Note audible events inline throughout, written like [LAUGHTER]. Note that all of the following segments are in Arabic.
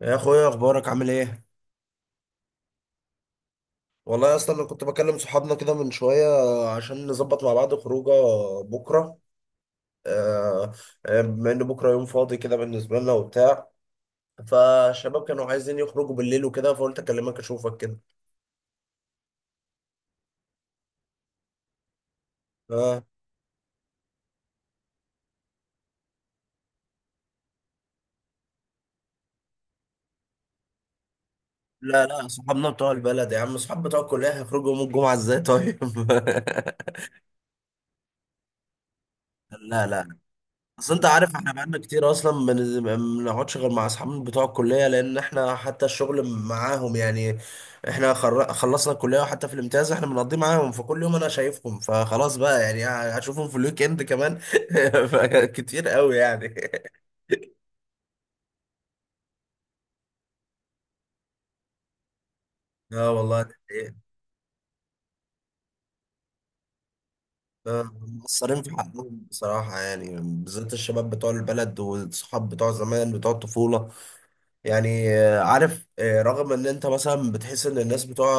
يا اخويا، اخبارك عامل ايه؟ والله يا اسطى انا كنت بكلم صحابنا كده من شويه عشان نظبط مع بعض خروجه بكره. آه، بما ان بكره يوم فاضي كده بالنسبه لنا وبتاع، فالشباب كانوا عايزين يخرجوا بالليل وكده فقلت اكلمك اشوفك كده. اه. لا، لا، صحابنا بتوع البلد يا عم. صحاب بتوع الكليه هيخرجوا يوم الجمعه ازاي طيب؟ [LAUGHS] لا، لا. اصل انت عارف احنا بقالنا كتير اصلا ما بنقعدش غير مع اصحابنا بتوع الكليه لان احنا حتى الشغل معاهم يعني. احنا خلصنا الكليه وحتى في الامتياز احنا بنقضي معاهم، فكل يوم انا شايفهم فخلاص بقى يعني. هشوفهم في الويك اند كمان. [LAUGHS] كتير قوي يعني. [LAUGHS] اه والله ده حقيقي. مقصرين في حقهم بصراحه يعني، بالذات الشباب بتوع البلد والصحاب بتوع زمان بتوع الطفوله. يعني عارف، رغم ان انت مثلا بتحس ان الناس بتوع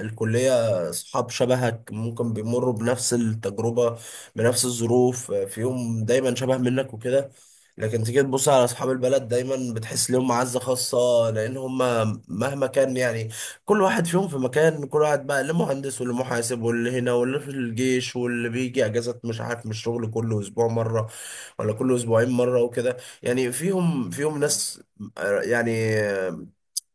الكلية اصحاب شبهك ممكن بيمروا بنفس التجربة بنفس الظروف، فيهم دايما شبه منك وكده. لكن تيجي تبص على اصحاب البلد دايما بتحس ليهم معزة خاصة، لان هم مهما كان يعني، كل واحد فيهم في مكان. كل واحد بقى اللي مهندس واللي محاسب واللي هنا واللي في الجيش واللي بيجي اجازات مش عارف من الشغل كل اسبوع مرة ولا كل اسبوعين مرة وكده. يعني فيهم ناس يعني،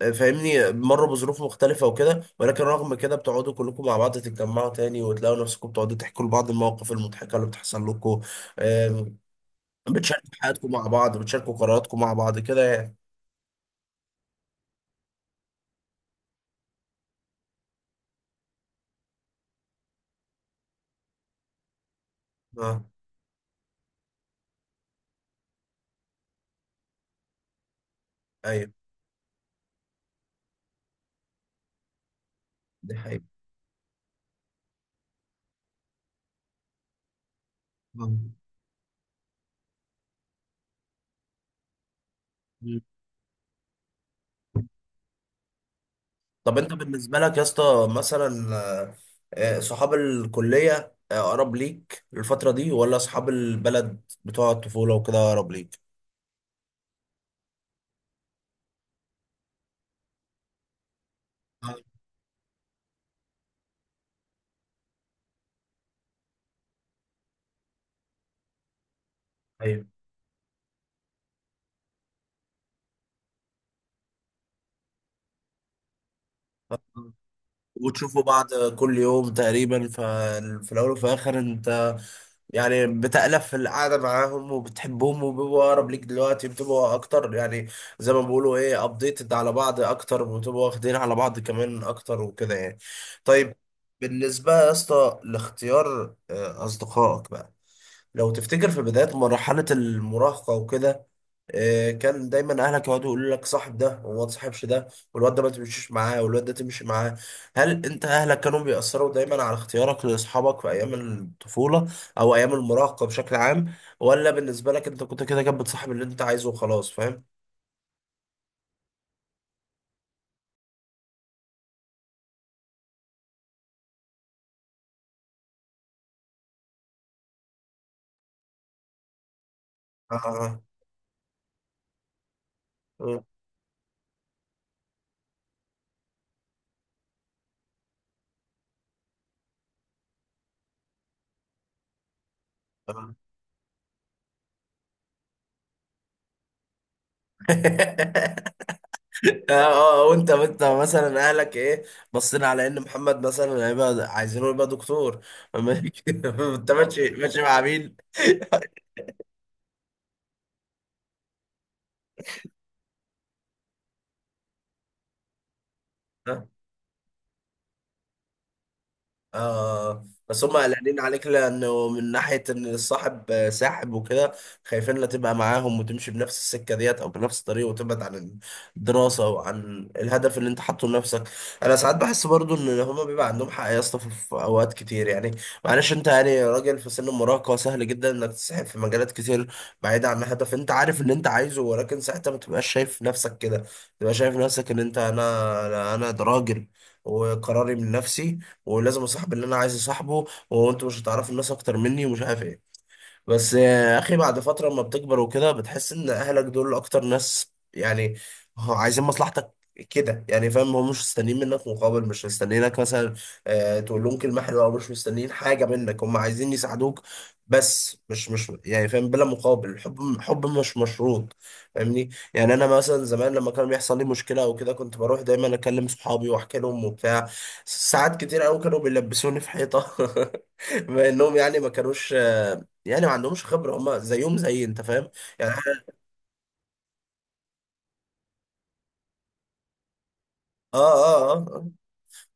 فاهمني، مروا بظروف مختلفة وكده، ولكن رغم كده بتقعدوا كلكم مع بعض، تتجمعوا تاني وتلاقوا نفسكم بتقعدوا تحكوا لبعض المواقف المضحكة اللي بتحصل لكم. آم، بتشاركوا حياتكم مع بعض، بتشاركوا قراراتكم مع بعض كده يعني. اه. ايوه، دي حقيقة. آه. مم. طب انت بالنسبة لك يا اسطى مثلا، صحاب الكلية أقرب ليك الفترة دي، ولا أصحاب البلد بتوع الطفولة وكده أقرب ليك؟ آه. ايوه، وتشوفوا بعض كل يوم تقريبا، ففي الاول وفي الاخر انت يعني بتألف في القعده معاهم وبتحبهم وبيبقوا اقرب ليك دلوقتي، بتبقوا اكتر يعني. زي ما بيقولوا ايه، ابديتد على بعض اكتر، وبتبقوا واخدين على بعض كمان اكتر وكده يعني. طيب. بالنسبه يا اسطى لاختيار اصدقائك بقى، لو تفتكر في بداية مرحلة المراهقة وكده، كان دايما اهلك يقعدوا يقولوا لك صاحب ده وما تصاحبش ده، والواد ده ما تمشيش معاه والواد ده تمشي معاه. هل انت اهلك كانوا بيأثروا دايما على اختيارك لاصحابك في ايام الطفولة او ايام المراهقة بشكل عام؟ ولا بالنسبة لك انت كنت كده كده بتصاحب اللي انت عايزه وخلاص، فاهم؟ آه. آه. آه. [LAUGHS] اه، وانت مثلا اهلك ايه؟ بصينا على ان محمد مثلا هيبقى عايزينه يبقى دكتور [LAUGHS] أما انت ماشي ماشي مع مين؟ اه. آه، بس هم قلقانين عليك لانه من ناحيه ان الصاحب ساحب وكده. خايفين لا تبقى معاهم وتمشي بنفس السكه ديت او بنفس الطريق وتبعد عن الدراسه وعن الهدف اللي انت حاطه لنفسك. انا ساعات بحس برضو ان هم بيبقى عندهم حق يا اسطى في اوقات كتير يعني. معلش انت يعني راجل في سن المراهقه، سهل جدا انك تسحب في مجالات كتير بعيده عن هدف انت عارف اللي انت عايزه، ولكن ساعتها ما تبقاش شايف نفسك كده. تبقى شايف نفسك ان انت، انا انا أنا ده راجل وقراري من نفسي، ولازم اصاحب اللي انا عايز اصاحبه، وانتوا مش هتعرفوا الناس اكتر مني ومش عارف ايه. بس يا اخي بعد فتره لما بتكبر وكده بتحس ان اهلك دول اكتر ناس يعني هو عايزين مصلحتك، كده يعني، فاهم؟ هم مش مستنيين منك مقابل، مش مستنيينك مثلا تقول لهم كلمه حلوه، او مش مستنيين حاجه منك، هم عايزين يساعدوك بس مش يعني، فاهم؟ بلا مقابل. الحب حب مش مشروط، فاهمني؟ يعني انا مثلا زمان لما كان بيحصل لي مشكله او كده كنت بروح دايما اكلم صحابي واحكي لهم وبتاع. ساعات كتير قوي كانوا بيلبسوني في حيطه [LAUGHS] بما انهم يعني ما كانوش، يعني ما عندهمش خبرة، هم زيهم زي انت، فاهم؟ يعني اه، اه، اه، آه.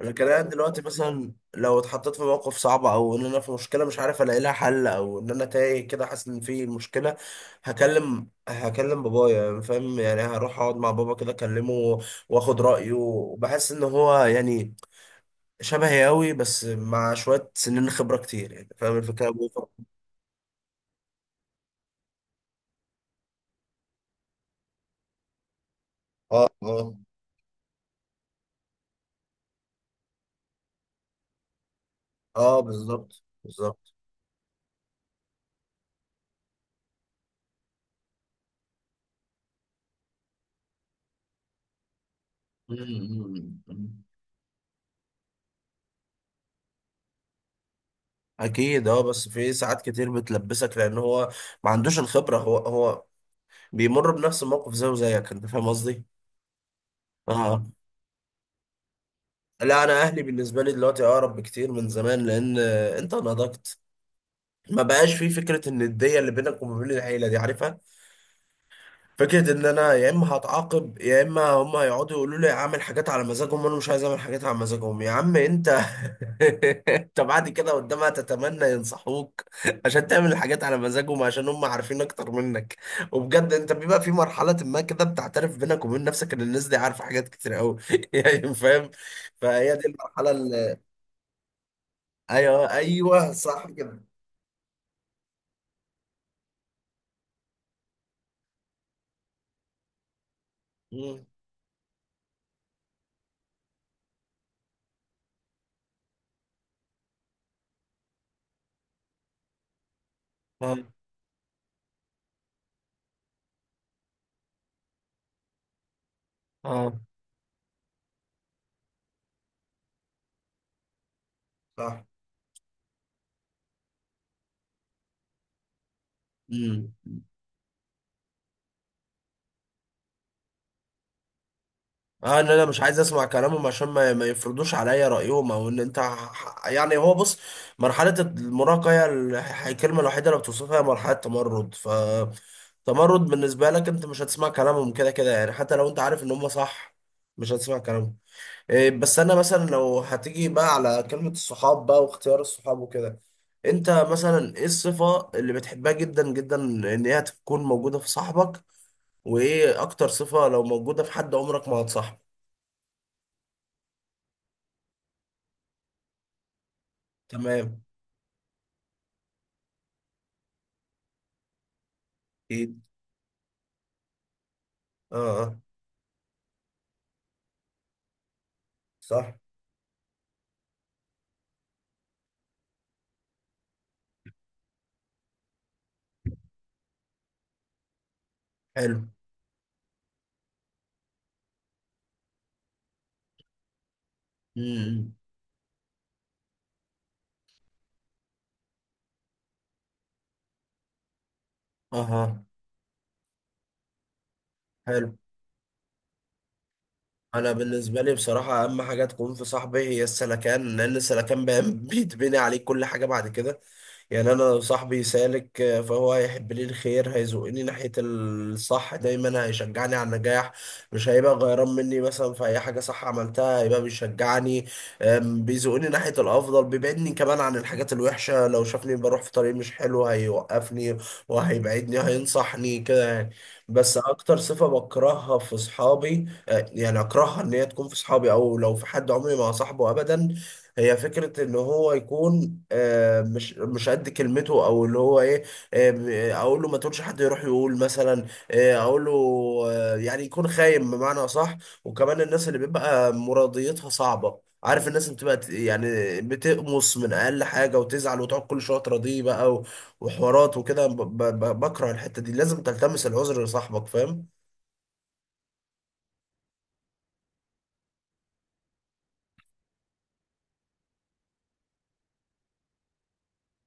لكن انا دلوقتي مثلا لو اتحطيت في موقف صعب، او ان انا في مشكلة مش عارف الاقي لها حل، او ان انا تايه كده حاسس ان في مشكلة، هكلم بابايا، يعني فاهم؟ يعني هروح اقعد مع بابا كده اكلمه، واخد رأيه، وبحس ان هو يعني شبهي قوي بس مع شوية سنين خبرة كتير، يعني فاهم الفكرة؟ اه، اه، اه، بالظبط بالظبط. مم، مم، مم. اكيد، اه. بس في ساعات كتير بتلبسك لان هو ما عندوش الخبره. هو بيمر بنفس الموقف زيه زيك، انت فاهم قصدي؟ اه. لا، انا اهلي بالنسبه لي دلوقتي اقرب بكتير من زمان، لان انت نضجت. ما بقاش في فكره النديه اللي بينك وما بين العيله، دي عارفها. فكرة ان انا يا اما هتعاقب، يا اما هم هيقعدوا يقولوا لي اعمل حاجات على مزاجهم، وانا مش عايز اعمل حاجات على مزاجهم يا عم انت. [LAUGHS] انت بعد كده قدامها تتمنى ينصحوك عشان تعمل الحاجات على مزاجهم، عشان هم عارفين اكتر منك. وبجد انت بيبقى في مرحلة ما كده بتعترف بينك وبين نفسك ان الناس دي عارفة حاجات كتير قوي [LAUGHS] يعني فاهم؟ فهي دي المرحلة اللي ايوه، ايوه، صح كده. مم. اه، اه، اه، صح. اه، ان انا مش عايز اسمع كلامهم عشان ما يفرضوش عليا رايهم، او ان انت يعني، هو بص، مرحله المراهقه هي الكلمه الوحيده اللي بتوصفها هي مرحله تمرد. ف تمرد بالنسبه لك، انت مش هتسمع كلامهم كده كده يعني، حتى لو انت عارف ان هم صح مش هتسمع كلامهم. إيه. بس انا مثلا لو هتيجي بقى على كلمه الصحاب بقى واختيار الصحاب وكده، انت مثلا ايه الصفه اللي بتحبها جدا جدا ان هي تكون موجوده في صاحبك؟ وايه اكتر صفه لو موجوده في حد عمرك ما هتصاحبه؟ تمام. اكيد. اه، اه، صح. حلو. امم. اها. حلو. انا بالنسبه لي بصراحه اهم حاجه تكون في صاحبي هي السلكان، لان السلكان [LAUGHS] بيتبني عليه كل حاجه بعد كده يعني. انا لو صاحبي سالك، فهو هيحب لي الخير، هيزقني ناحيه الصح دايما، هيشجعني على النجاح، مش هيبقى غيران مني مثلا في اي حاجه صح عملتها، هيبقى بيشجعني. بيزقني ناحيه الافضل، بيبعدني كمان عن الحاجات الوحشه، لو شافني بروح في طريق مش حلو هيوقفني وهيبعدني، هينصحني كده يعني. بس اكتر صفه بكرهها في صحابي، يعني اكرهها ان هي تكون في صحابي، او لو في حد عمري ما صاحبه ابدا، هي فكرة ان هو يكون مش قد كلمته، او اللي هو ايه، اقول له ما تقولش حد يروح يقول مثلا، اقول له، يعني يكون خاين بمعنى صح. وكمان الناس اللي بيبقى مراضيتها صعبة، عارف، الناس اللي بتبقى يعني بتقمص من اقل حاجة وتزعل وتقعد كل شوية تراضيه بقى وحوارات وكده. بكره الحتة دي، لازم تلتمس العذر لصاحبك، فاهم؟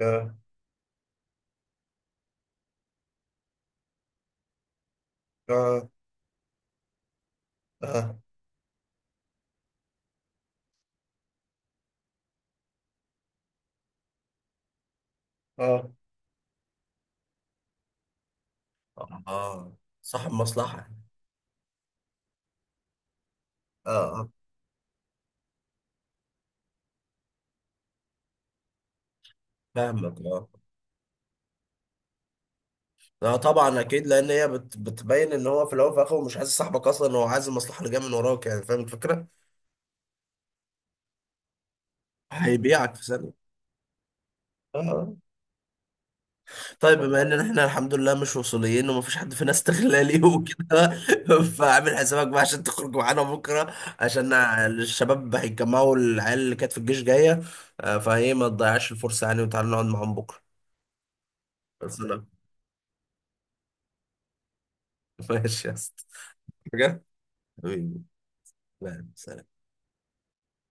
اه، اه، آه. اه، اه، صاحب مصلحة. اه، آه، فاهمك. اه. لا طبعا، اكيد، لان هي بتبين ان هو في الاول وفي الاخر مش عايز صاحبك اصلا، هو عايز المصلحة اللي جاية من وراك، يعني فاهم الفكرة؟ هيبيعك في ثانية. اه. طيب بما ان احنا الحمد لله مش وصوليين، ومفيش حد فينا استغلالي [LAUGHS] وكده، فاعمل حسابك بقى عشان تخرج معانا بكره. عشان الشباب هيتجمعوا، العيال اللي كانت في الجيش جايه، فهي ما تضيعش الفرصه يعني، وتعالى نقعد معاهم بكره. خلصنا. [LAUGHS] ماشي يا اسطى. حاجة؟ حبيبي. تمام، سلام.